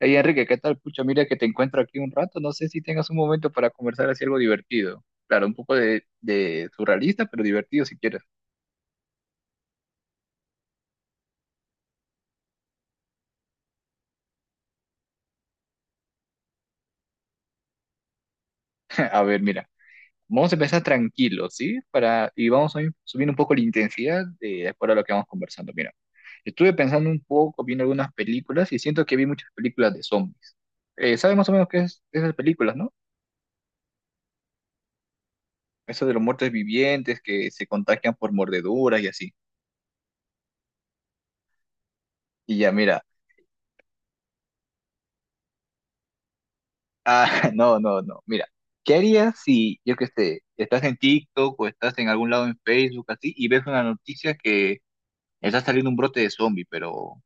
Hey Enrique, ¿qué tal? Pucha, mira que te encuentro aquí un rato. No sé si tengas un momento para conversar así algo divertido. Claro, un poco de surrealista, pero divertido si quieres. A ver, mira, vamos a empezar tranquilo, ¿sí? Y vamos a ir subiendo un poco la intensidad de acuerdo a lo que vamos conversando. Mira, estuve pensando un poco, viendo algunas películas y siento que vi muchas películas de zombies. ¿Sabes más o menos qué es esas películas, no? Eso de los muertos vivientes que se contagian por mordeduras y así. Y ya, mira. Ah, no, no, no. Mira, ¿qué harías si, yo qué sé, estás en TikTok o estás en algún lado en Facebook así y ves una noticia que está saliendo un brote de zombie, pero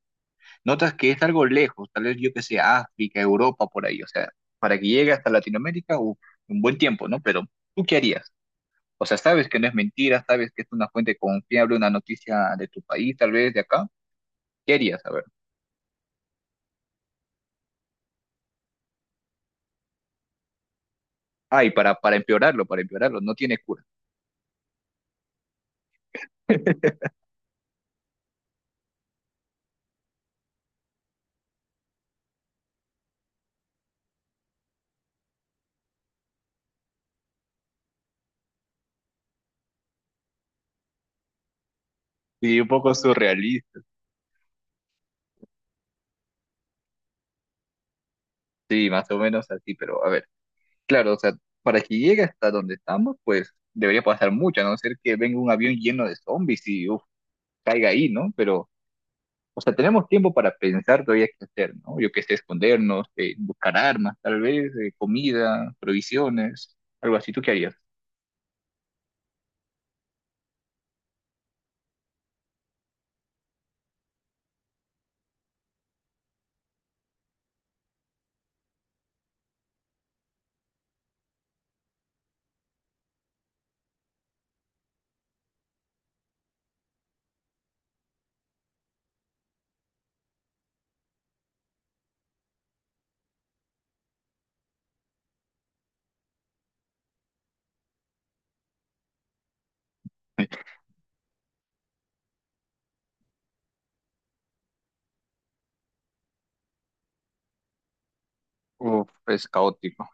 notas que es algo lejos, tal vez yo qué sé, África, Europa, por ahí, o sea, para que llegue hasta Latinoamérica, uf, un buen tiempo, ¿no? Pero, ¿tú qué harías? O sea, sabes que no es mentira, sabes que es una fuente confiable, una noticia de tu país, tal vez de acá. ¿Qué harías? A ver. Ay, para empeorarlo, no tiene cura. Sí, un poco surrealista. Sí, más o menos así, pero a ver, claro, o sea, para que llegue hasta donde estamos, pues debería pasar mucho, a no ser que venga un avión lleno de zombies y uf, caiga ahí, ¿no? Pero, o sea, tenemos tiempo para pensar todavía qué hacer, ¿no? Yo qué sé, escondernos, buscar armas, tal vez, comida, provisiones, algo así. ¿Tú qué harías? Uf, es caótico.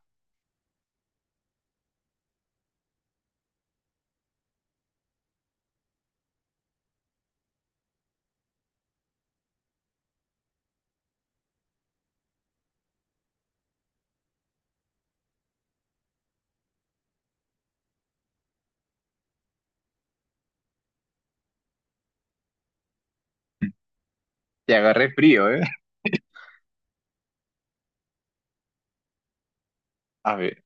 Te agarré frío, ¿eh? A ver,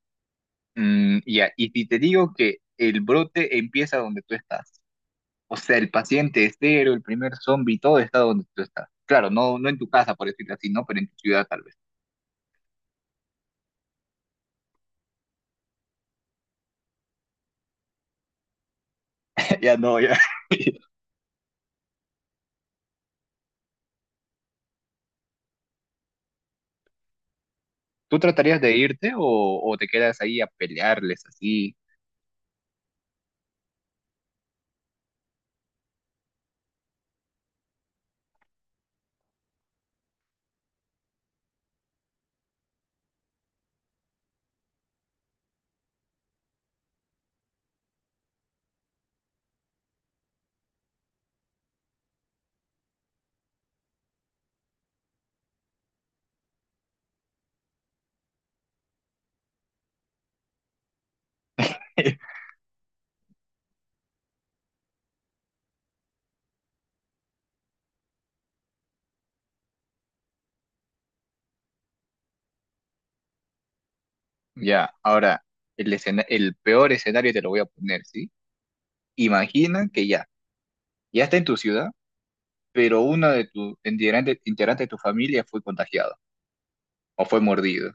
ya, y si te digo que el brote empieza donde tú estás. O sea, el paciente es cero, el primer zombie, todo está donde tú estás. Claro, no, no en tu casa, por decirlo así, ¿no? Pero en tu ciudad tal vez. Ya no, ya. ¿Tú tratarías de irte o te quedas ahí a pelearles así? Ya, ahora, el peor escenario te lo voy a poner, ¿sí? Imagina que ya está en tu ciudad, pero uno de tus integrantes de tu familia fue contagiado o fue mordido.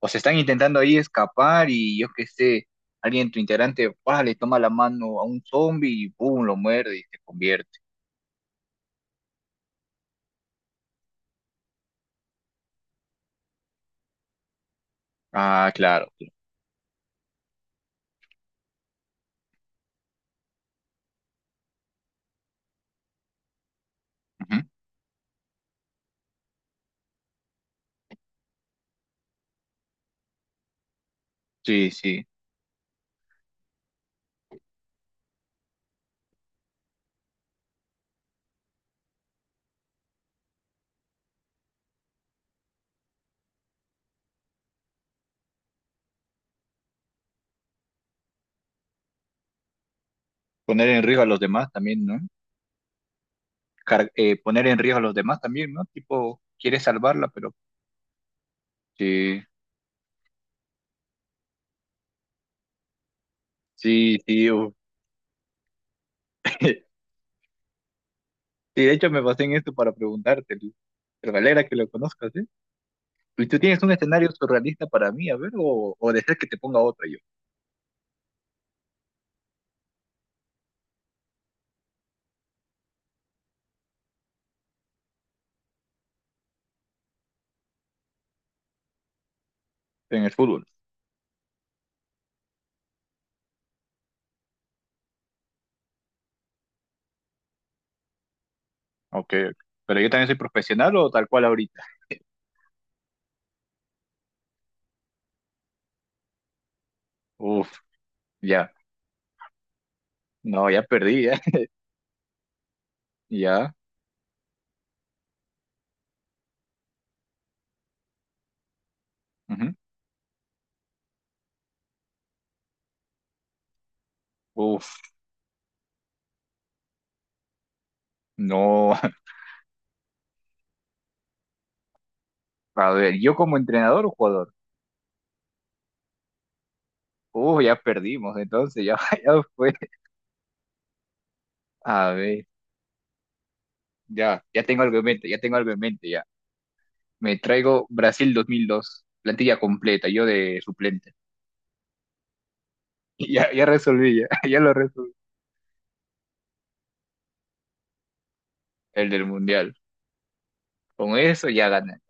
O se están intentando ahí escapar y yo qué sé, alguien, tu integrante, ¡pah!, le toma la mano a un zombie y ¡pum!, lo muerde y se convierte. Ah, claro. Claro. Ujú. Sí, sí. Poner en riesgo a los demás también, ¿no? Poner en riesgo a los demás también, ¿no? Tipo, quieres salvarla, pero... Sí, sí, sí. Uf. Sí, de hecho me basé en esto para preguntarte. Lu. Pero me alegra que lo conozcas, ¿eh? ¿Y tú tienes un escenario surrealista para mí, a ver, o deseas que te ponga otro yo en el fútbol? Ok, pero yo también soy profesional o tal cual ahorita. Uf, ya, no, ya perdí, ya, ya. Ujú. Uf, no, a ver, yo como entrenador o jugador. Uf, ya perdimos, entonces ya, ya fue. A ver, ya tengo algo en mente, ya tengo algo en mente, ya. Me traigo Brasil 2002, plantilla completa, yo de suplente. Ya resolví, ya, ya lo resolví. El del Mundial. Con eso ya gané.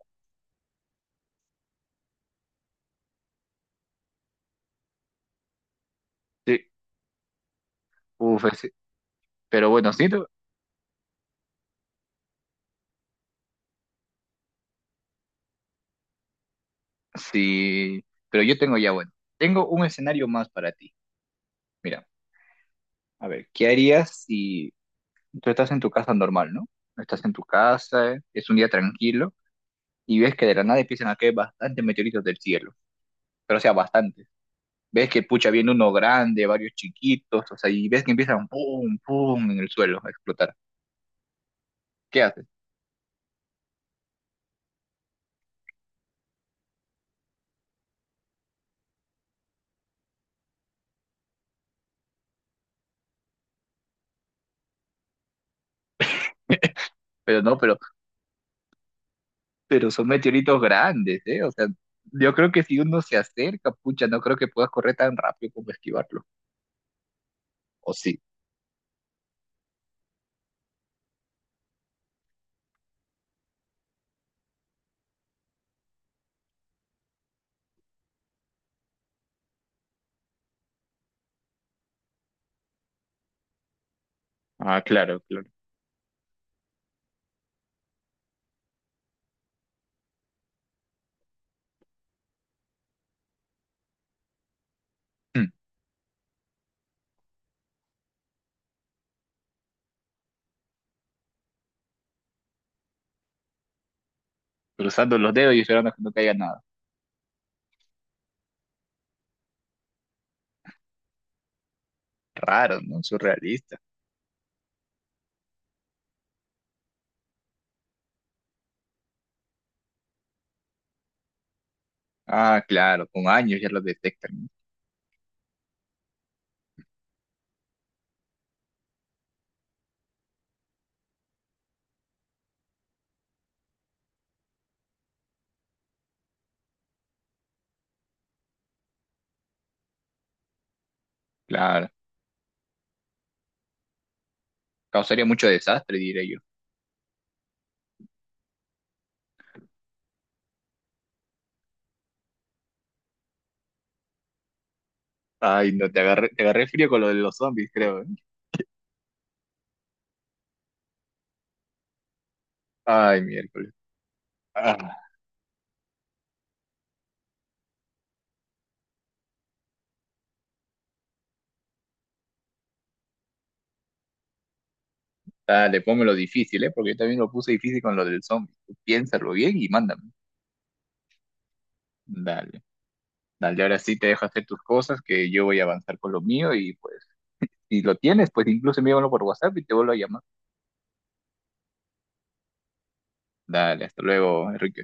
Sí, uf, pero bueno, sí. Sí, pero yo tengo ya, bueno, tengo un escenario más para ti. Mira, a ver, ¿qué harías si tú estás en tu casa normal, ¿no? Estás en tu casa, es un día tranquilo y ves que de la nada empiezan a caer bastantes meteoritos del cielo, pero o sea, bastantes. Ves que pucha viene uno grande, varios chiquitos, o sea, y ves que empiezan pum, pum en el suelo a explotar. ¿Qué haces? Pero no, pero son meteoritos grandes, ¿eh? O sea, yo creo que si uno se acerca, pucha, no creo que puedas correr tan rápido como esquivarlo. ¿O sí? Ah, claro, claro. Mm. Cruzando los dedos y esperando que no caiga nada. Raro, ¿no? Surrealista. Ah, claro, con años ya lo detectan, ¿no? Claro. Causaría mucho desastre, diré yo. Ay, no, te agarré frío con lo de los zombies, creo, ¿eh? Ay, miércoles. Ah, dale, pónmelo difícil, ¿eh? Porque yo también lo puse difícil con lo del zombie. Tú piénsalo bien y mándame. Dale. Dale, ahora sí te dejo hacer tus cosas, que yo voy a avanzar con lo mío y pues, si lo tienes, pues incluso envíamelo por WhatsApp y te vuelvo a llamar. Dale, hasta luego, Enrique.